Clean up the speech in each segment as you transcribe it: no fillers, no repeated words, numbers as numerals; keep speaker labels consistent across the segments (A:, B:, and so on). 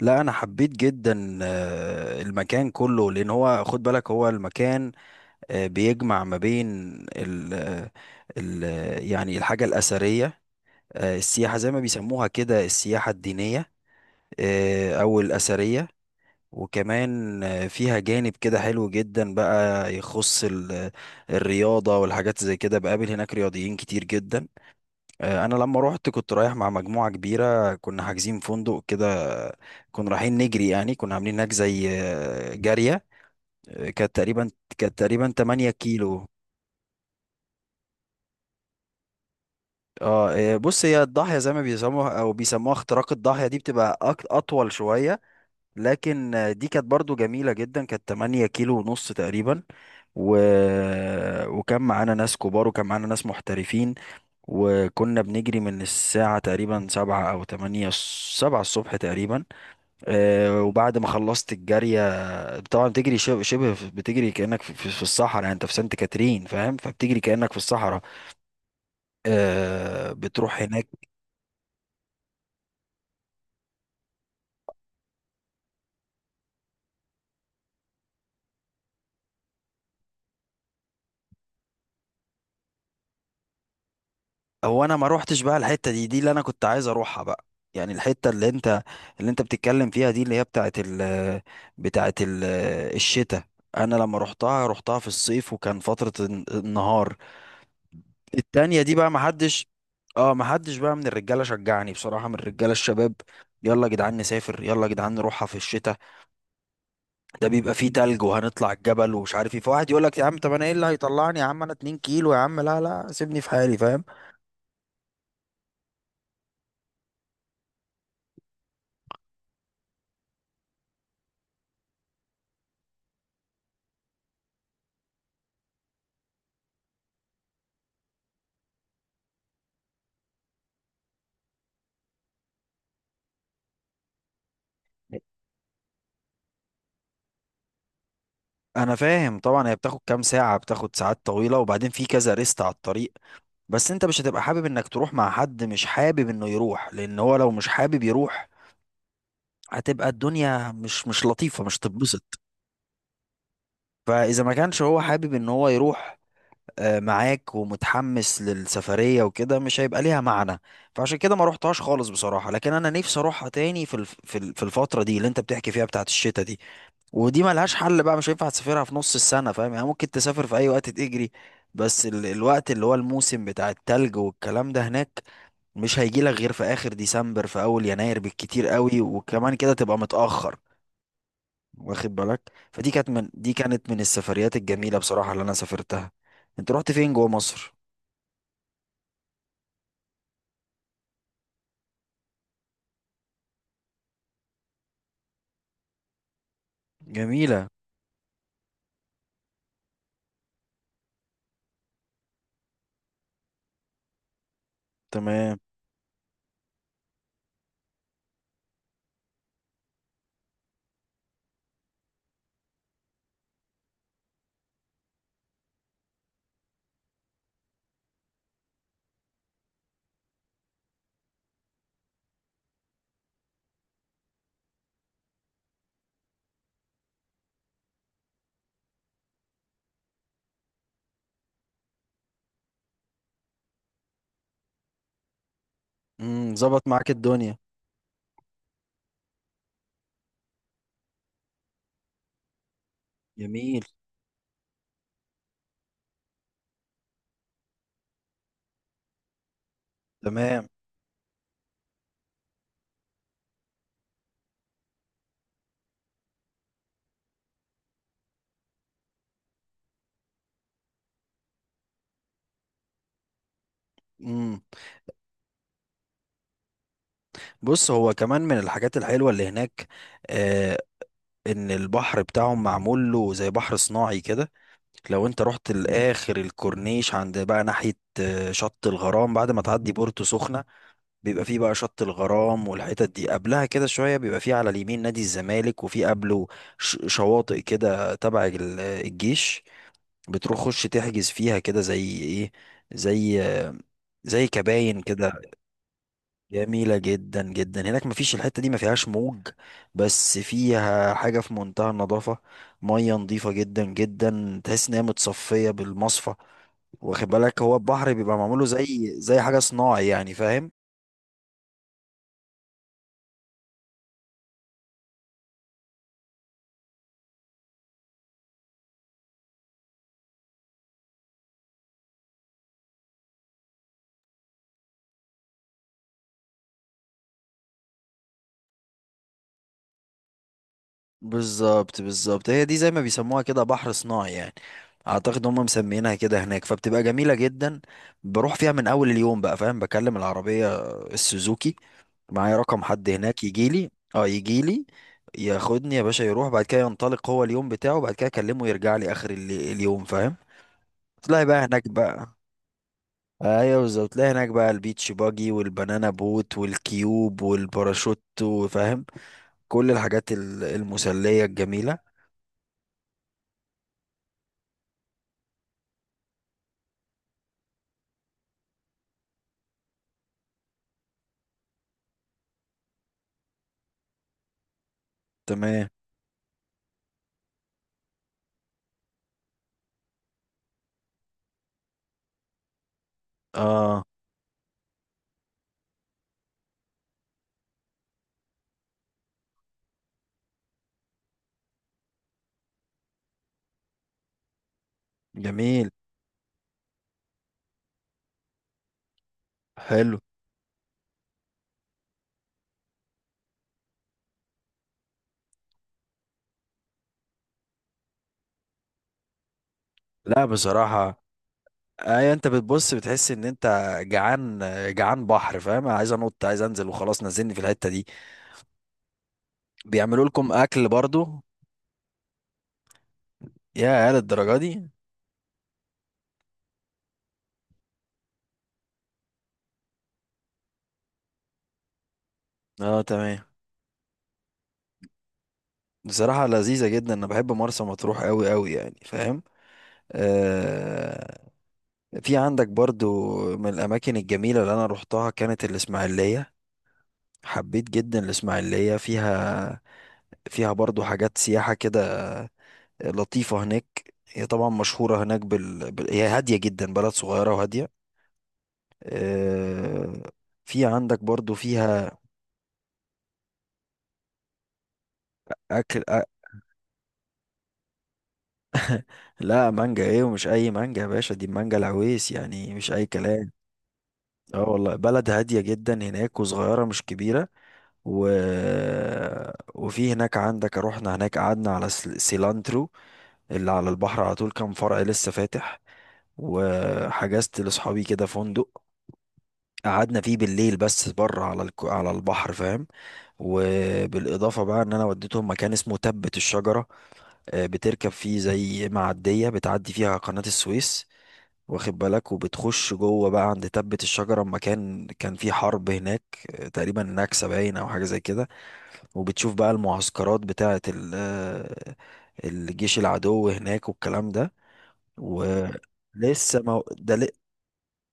A: لا، انا حبيت جدا المكان كله. لان هو، خد بالك، هو المكان بيجمع ما بين ال آه، ال يعني الحاجه الاثريه، السياحه، زي ما بيسموها كده، السياحه الدينيه او الاثريه. وكمان فيها جانب كده حلو جدا بقى، يخص الرياضه والحاجات زي كده. بقابل هناك رياضيين كتير جدا. انا لما روحت كنت رايح مع مجموعه كبيره، كنا حاجزين فندق كده. كنا رايحين نجري، يعني كنا عاملين هناك زي جاريه. كانت تقريبا، 8 كيلو. بص، هي الضاحيه زي ما بيسموها، او بيسموها اختراق الضاحيه، دي بتبقى اطول شويه، لكن دي كانت برضو جميله جدا. كانت 8 كيلو ونص تقريبا، و... وكان معانا ناس كبار، وكان معانا ناس محترفين. وكنا بنجري من الساعة تقريبا سبعة أو تمانية، سبعة الصبح تقريبا. وبعد ما خلصت الجارية، طبعا بتجري شبه بتجري كأنك في الصحراء. يعني انت في سانت كاترين، فاهم، فبتجري كأنك في الصحراء. بتروح هناك. هو انا ما روحتش بقى الحتة دي اللي انا كنت عايز اروحها بقى. يعني الحتة اللي انت بتتكلم فيها دي، اللي هي بتاعت ال الشتاء. انا لما روحتها، روحتها في الصيف، وكان فترة النهار التانية دي بقى. محدش، اه محدش بقى من الرجالة شجعني بصراحة، من الرجالة الشباب. يلا يا جدعان نسافر، يلا يا جدعان نروحها في الشتاء، ده بيبقى فيه تلج وهنطلع الجبل ومش عارف ايه. فواحد يقول لك: يا عم طب انا ايه اللي هيطلعني يا عم؟ انا 2 كيلو يا عم، لا لا سيبني في حالي فاهم. انا فاهم طبعا، هي بتاخد كام ساعة، بتاخد ساعات طويلة، وبعدين في كذا ريست على الطريق. بس انت مش هتبقى حابب انك تروح مع حد مش حابب انه يروح. لان هو لو مش حابب يروح، هتبقى الدنيا مش لطيفة، مش تتبسط. فاذا ما كانش هو حابب ان هو يروح معاك ومتحمس للسفرية وكده، مش هيبقى ليها معنى. فعشان كده ما روحتهاش خالص بصراحة، لكن انا نفسي اروحها تاني في الفترة دي، اللي انت بتحكي فيها، بتاعت الشتاء دي. ودي ملهاش حل بقى، مش هينفع تسافرها في نص السنة، فاهم، يعني ممكن تسافر في اي وقت تجري. بس الوقت اللي هو الموسم بتاع التلج والكلام ده هناك، مش هيجي لك غير في اخر ديسمبر، في اول يناير بالكتير قوي، وكمان كده تبقى متأخر. واخد بالك. فدي كانت من، دي كانت من السفريات الجميلة بصراحة اللي انا سافرتها. انت رحت فين جوه مصر؟ جميلة. تمام. امم، ظبط معاك الدنيا. جميل. تمام. امم. بص، هو كمان من الحاجات الحلوة اللي هناك، آه، ان البحر بتاعهم معمول له زي بحر صناعي كده. لو انت رحت لاخر الكورنيش، عند بقى ناحية شط الغرام، بعد ما تعدي بورتو سخنة، بيبقى فيه بقى شط الغرام. والحتت دي قبلها كده شوية بيبقى فيه على اليمين نادي الزمالك، وفيه قبله شواطئ كده تبع الجيش، بتروح خش تحجز فيها، كده زي ايه، زي، زي كباين كده. جميلة جدا جدا هناك، مفيش، الحتة دي ما فيهاش موج، بس فيها حاجة في منتهى النظافة. مية نظيفة جدا جدا، تحس ان هي متصفية بالمصفى. واخد بالك، هو البحر بيبقى معموله زي، زي حاجة صناعي يعني، فاهم. بالظبط بالظبط، هي دي زي ما بيسموها كده بحر صناعي يعني. اعتقد هم مسمينها كده هناك، فبتبقى جميله جدا. بروح فيها من اول اليوم بقى، فاهم، بكلم العربيه، السوزوكي، معايا رقم حد هناك يجي لي، اه، يجي لي ياخدني يا باشا. يروح بعد كده ينطلق هو اليوم بتاعه، بعد كده اكلمه يرجع لي اخر اليوم فاهم. تلاقي بقى هناك بقى، ايوه بالظبط، تلاقي هناك بقى البيتش باجي والبنانا بوت والكيوب والباراشوت، وفاهم، كل الحاجات المسليه الجميله. تمام. اه. جميل. حلو. لا بصراحة، اي انت بتبص بتحس ان انت جعان، جعان بحر فاهم، عايز انط، عايز انزل وخلاص، نزلني في الحتة دي. بيعملوا لكم اكل برضو؟ يا للدرجة دي؟ اه. تمام. بصراحة لذيذة جدا، انا بحب مرسى مطروح قوي قوي يعني فاهم. آه. في عندك برضو، من الاماكن الجميلة اللي انا روحتها كانت الاسماعيلية. حبيت جدا الاسماعيلية، فيها، فيها برضو حاجات سياحة كده لطيفة هناك. هي طبعا مشهورة هناك هي هادية جدا، بلد صغيرة وهادية. آه، في عندك برضو فيها أكل لا، مانجا إيه؟ ومش أي مانجا يا باشا، دي مانجا العويس، يعني مش أي كلام. اه والله، بلد هادية جدا هناك وصغيرة، مش كبيرة. و... وفي هناك عندك، روحنا هناك قعدنا على سيلانترو، اللي على البحر على طول، كان فرع لسه فاتح. وحجزت لأصحابي كده فندق قعدنا فيه بالليل، بس بره على البحر فاهم. وبالاضافه بقى، ان انا وديتهم مكان اسمه تبة الشجره، بتركب فيه زي معديه بتعدي فيها قناه السويس، واخد بالك، وبتخش جوه بقى عند تبة الشجره، مكان كان فيه حرب هناك تقريبا نكسه باين، او حاجه زي كده. وبتشوف بقى المعسكرات بتاعه ال... آه، الجيش العدو هناك والكلام ده. و لسه ما ده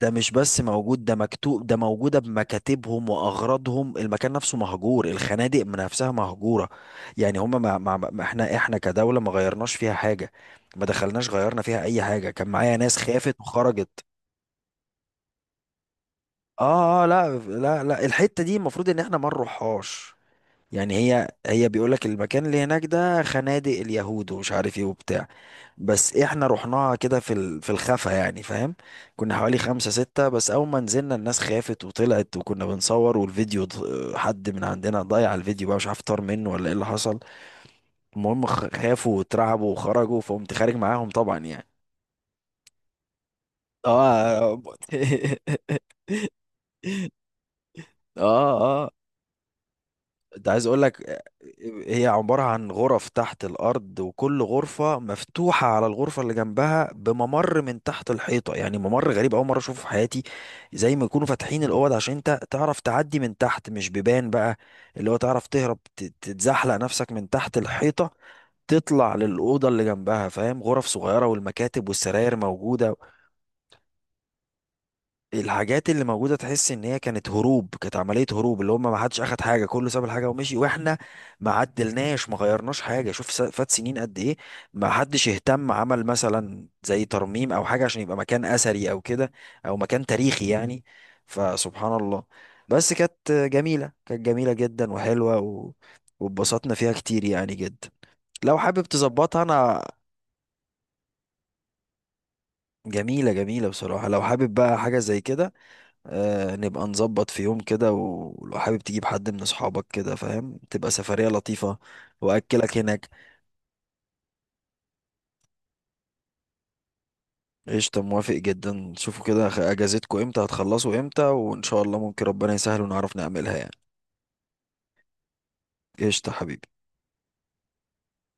A: ده مش بس موجود، ده مكتوب، ده موجودة بمكاتبهم وأغراضهم. المكان نفسه مهجور، الخنادق من نفسها مهجورة. يعني هما احنا كدولة ما غيرناش فيها حاجة، ما دخلناش غيرنا فيها أي حاجة. كان معايا ناس خافت وخرجت. اه اه، لا لا لا، الحتة دي المفروض ان احنا ما نروحهاش. يعني هي بيقول لك المكان اللي هناك ده خنادق اليهود ومش عارف ايه وبتاع. بس احنا رحناها كده في الخفا يعني فاهم. كنا حوالي خمسة ستة، بس اول ما نزلنا الناس خافت وطلعت. وكنا بنصور، والفيديو حد من عندنا ضيع الفيديو بقى، مش عارف طار منه ولا ايه اللي حصل. المهم خافوا واترعبوا وخرجوا، فقمت خارج معاهم طبعا يعني. اه اه اه، ده عايز اقول لك، هي عبارة عن غرف تحت الارض، وكل غرفة مفتوحة على الغرفة اللي جنبها بممر من تحت الحيطة. يعني ممر غريب، اول مرة اشوفه في حياتي، زي ما يكونوا فاتحين الاوض عشان انت تعرف تعدي من تحت، مش بيبان بقى. اللي هو تعرف تهرب، تتزحلق نفسك من تحت الحيطة، تطلع للأوضة اللي جنبها فاهم. غرف صغيرة والمكاتب والسراير موجودة. الحاجات اللي موجودة تحس ان هي كانت هروب، كانت عملية هروب، اللي هم ما حدش اخد حاجة، كله ساب الحاجة ومشي، واحنا ما عدلناش ما غيرناش حاجة. شوف، فات سنين قد ايه، ما حدش اهتم عمل مثلا زي ترميم او حاجة عشان يبقى مكان اثري او كده، او مكان تاريخي يعني. فسبحان الله. بس كانت جميلة، كانت جميلة جدا وحلوة، واتبسطنا فيها كتير يعني جدا. لو حابب تظبطها، انا، جميلة جميلة بصراحة، لو حابب بقى حاجة زي كده، آه، نبقى نظبط في يوم كده، و- ولو حابب تجيب حد من اصحابك كده فاهم، تبقى سفرية لطيفة. واكلك هناك. قشطة، موافق جدا. شوفوا كده، اجازتكوا امتى، هتخلصوا امتى، وان شاء الله ممكن ربنا يسهل ونعرف نعملها يعني. قشطة حبيبي.